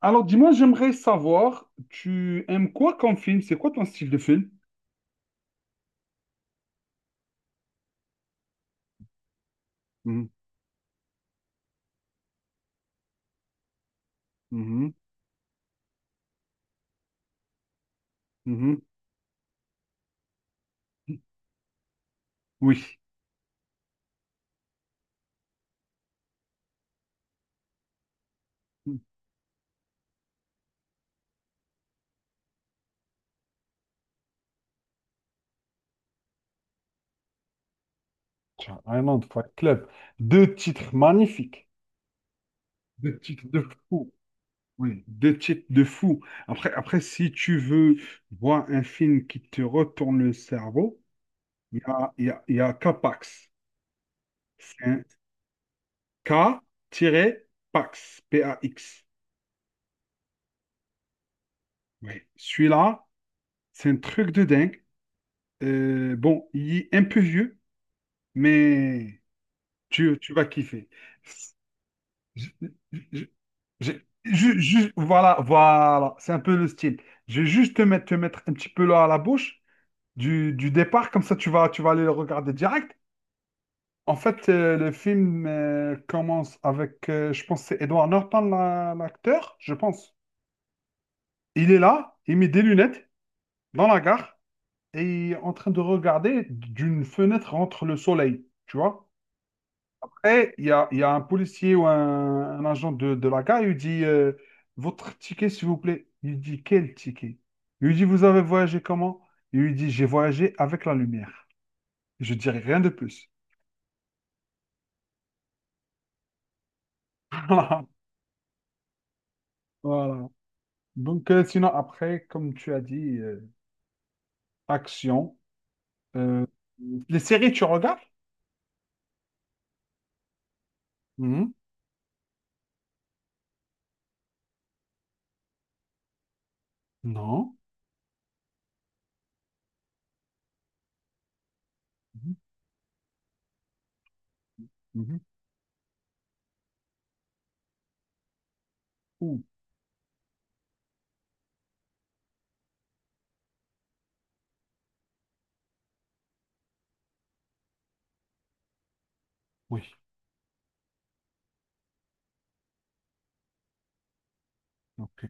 Alors, dis-moi, j'aimerais savoir, tu aimes quoi comme film? C'est quoi ton style de film? Mhm, mhm, mhm. Oui. Tiens, Island Fight Club. Deux titres magnifiques. Deux titres de fou. Oui, deux titres de fou. Après, si tu veux voir un film qui te retourne le cerveau, il y a, il y a, il y a K-Pax. C'est un K-Pax, P-A-X. Oui, celui-là, c'est un truc de dingue. Bon, il est un peu vieux, mais tu vas kiffer. Je- je- je- voilà, voilà, c'est un peu le style. Je vais juste te mettre un petit peu là à la bouche du départ, comme ça tu vas aller le regarder direct. En fait, le film commence avec, je pense, que c'est Edward Norton, l'acteur, je pense. Il est là, il met des lunettes dans la gare et il est en train de regarder d'une fenêtre entre le soleil, tu vois. Après, il y a un policier ou un agent de la gare, il lui dit Votre ticket, s'il vous plaît. Il lui dit Quel ticket? Il lui dit Vous avez voyagé comment? Il lui dit J'ai voyagé avec la lumière. Je dirais rien de plus. Voilà. Voilà. Donc, sinon, après, comme tu as dit, action. Euh, les séries, tu regardes? Mhm. Non. Mhm. Mhm. Ouh. Oui. Ok.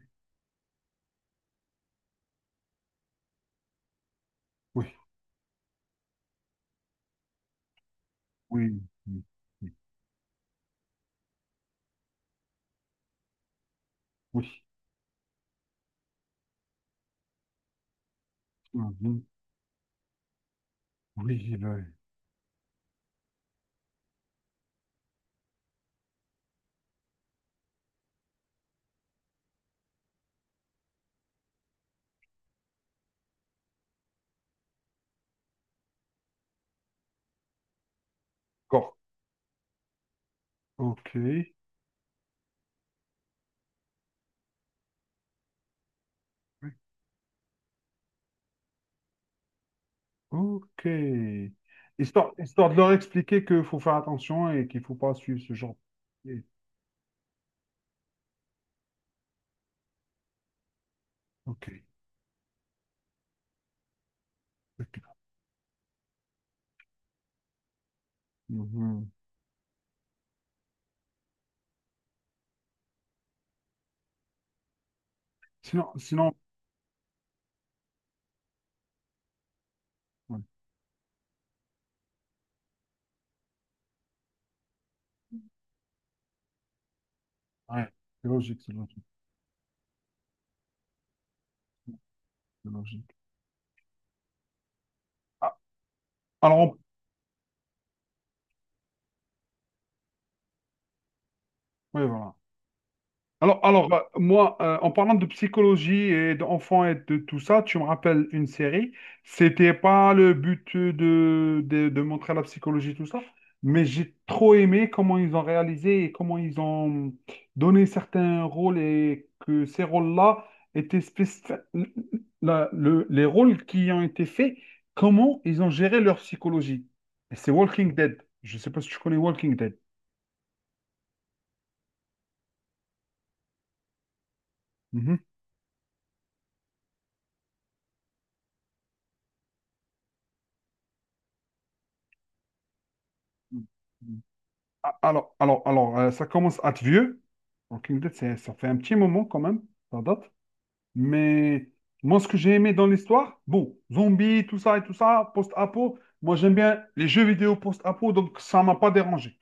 Oui. Oui. Oui. Oui. Oui. Mhm. Oui. Le corps. Ok. Ok. Histoire de leur expliquer qu'il faut faire attention et qu'il faut pas suivre ce genre de. Ok. Ok. Mhm. Sinon. Ouais, ouais, c'est logique, c'est logique, c'est logique. Ah, alors, ouais, voilà. Alors, moi, en parlant de psychologie et d'enfants et de tout ça, tu me rappelles une série. C'était pas le but de montrer la psychologie, tout ça, mais j'ai trop aimé comment ils ont réalisé et comment ils ont donné certains rôles et que ces rôles-là étaient spécifiques. Les rôles qui ont été faits, comment ils ont géré leur psychologie. Et c'est Walking Dead. Je sais pas si tu connais Walking Dead. Mhm. Alors, ça commence à être vieux. Walking Dead, ça fait un petit moment quand même. Ça date. Mais moi, ce que j'ai aimé dans l'histoire, bon, zombies, tout ça et tout ça, post-apo, moi j'aime bien les jeux vidéo post-apo, donc ça m'a pas dérangé.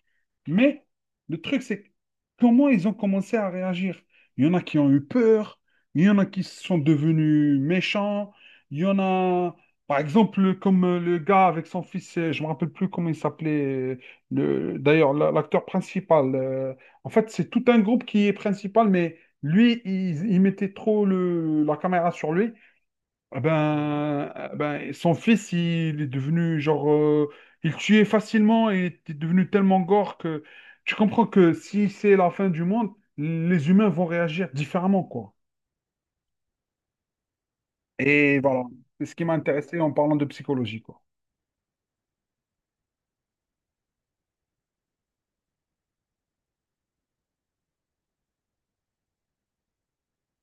Mais le truc, c'est comment ils ont commencé à réagir. Il y en a qui ont eu peur, il y en a qui sont devenus méchants, il y en a, par exemple, comme le gars avec son fils, je me rappelle plus comment il s'appelait, d'ailleurs, l'acteur principal. En fait, c'est tout un groupe qui est principal, mais lui, il mettait trop la caméra sur lui. Eh ben, son fils, il est devenu genre, il tuait facilement et était devenu tellement gore que tu comprends que si c'est la fin du monde, les humains vont réagir différemment, quoi. Et voilà, c'est ce qui m'a intéressé en parlant de psychologie, quoi.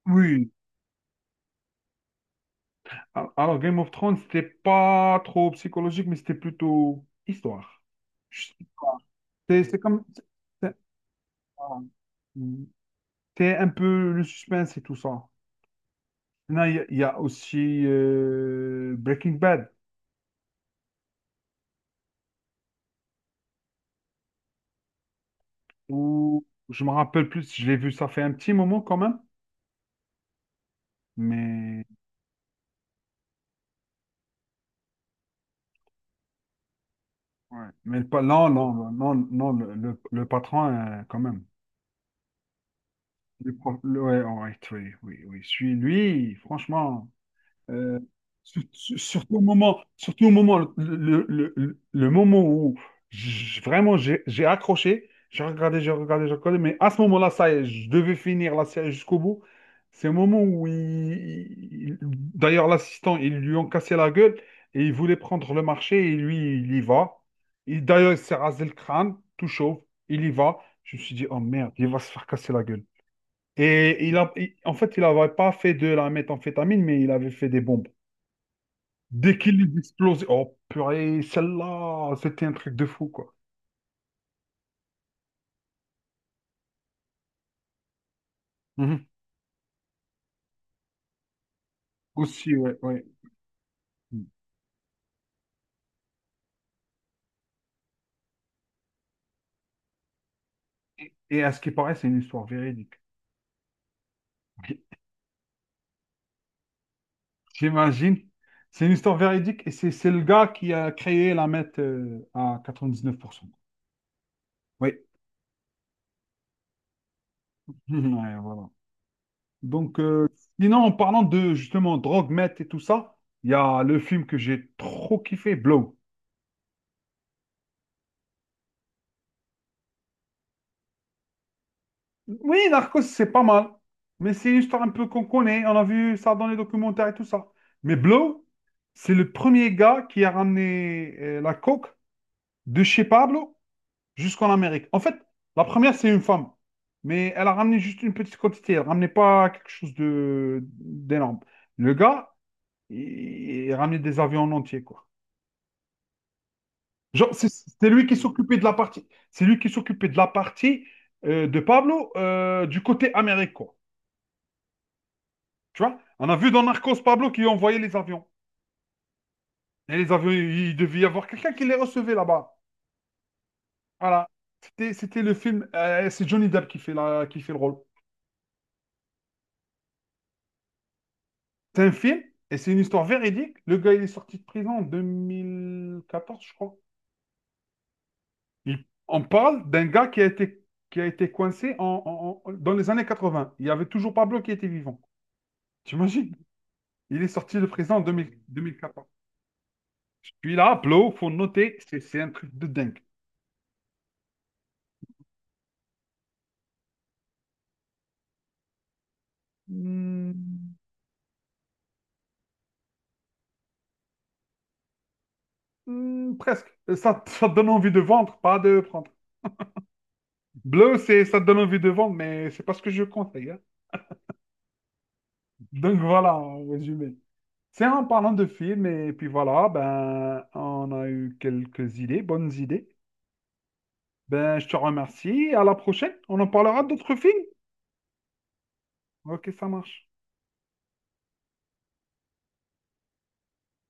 Oui. Alors, Game of Thrones, c'était pas trop psychologique, mais c'était plutôt histoire. Je sais pas. C'est comme. C'est- voilà. Hmm. C'est un peu le suspense et tout ça. Non, il y a aussi Breaking Bad, où je me rappelle plus, si je l'ai vu, ça fait un petit moment quand même, mais, ouais. Mais pas, non, non, non, non, le patron, quand même. Ouais, ouais, oui, oui, oui, celui, lui, franchement. Euh, Surtout au moment, le moment où vraiment j'ai accroché, j'ai regardé, j'ai regardé, j'ai regardé, mais à ce moment-là, ça y est, je devais finir la série jusqu'au bout. C'est le moment où d'ailleurs l'assistant, ils lui ont cassé la gueule et il voulait prendre le marché et lui, il y va. Et d'ailleurs, il s'est rasé le crâne, tout chauve, il y va. Je me suis dit, oh merde, il va se faire casser la gueule. Et en fait, il n'avait pas fait de la méthamphétamine, mais il avait fait des bonbons. Dès qu'il les explose, oh purée, celle-là, c'était un truc de fou, quoi. Mhm. Aussi, ouais, ouais. Et à ce qui paraît, c'est une histoire véridique. J- J'imagine. C'est une histoire véridique et c'est le gars qui a créé la MET à 99%. Oui. Ouais, voilà. Donc, sinon, en parlant de justement drogue, meth et tout ça, il y a le film que j'ai trop kiffé, Blow. Oui, Narcos, c'est pas mal. Mais c'est une histoire un peu qu'on connaît. On a vu ça dans les documentaires et tout ça. Mais Blow, c'est le premier gars qui a ramené la coke de chez Pablo jusqu'en Amérique. En fait, la première, c'est une femme. Mais elle a ramené juste une petite quantité. Elle ramenait pas quelque chose de d'énorme. Le gars, il, il ramenait des avions en entier, quoi. Genre, c'est lui qui s'occupait de la partie. C'est lui qui s'occupait de la partie de Pablo du côté Amérique, quoi. Tu vois? On a vu dans Narcos Pablo qui envoyait les avions. Et les avions, il devait y avoir quelqu'un qui les recevait là-bas. Voilà. C'était le film. C'est Johnny Depp qui fait, qui fait le rôle. C'est un film et c'est une histoire véridique. Le gars, il est sorti de prison en 2014, je crois. On parle d'un gars qui a été coincé dans les années 80. Il y avait toujours Pablo qui était vivant. T'imagines? Il est sorti de prison en 2000 2014. Celui-là, Pablo, faut noter, c'est un truc de dingue. Hmm. Hmm, presque. Ça te donne envie de vendre, pas de prendre. Bleu, c'est ça te donne envie de vendre, mais c'est pas ce que je conseille, hein. Donc voilà, en résumé. C'est en parlant de films, et puis voilà, ben, on a eu quelques idées, bonnes idées. Ben, je te remercie. À la prochaine. On en parlera d'autres films. Ok, ça marche.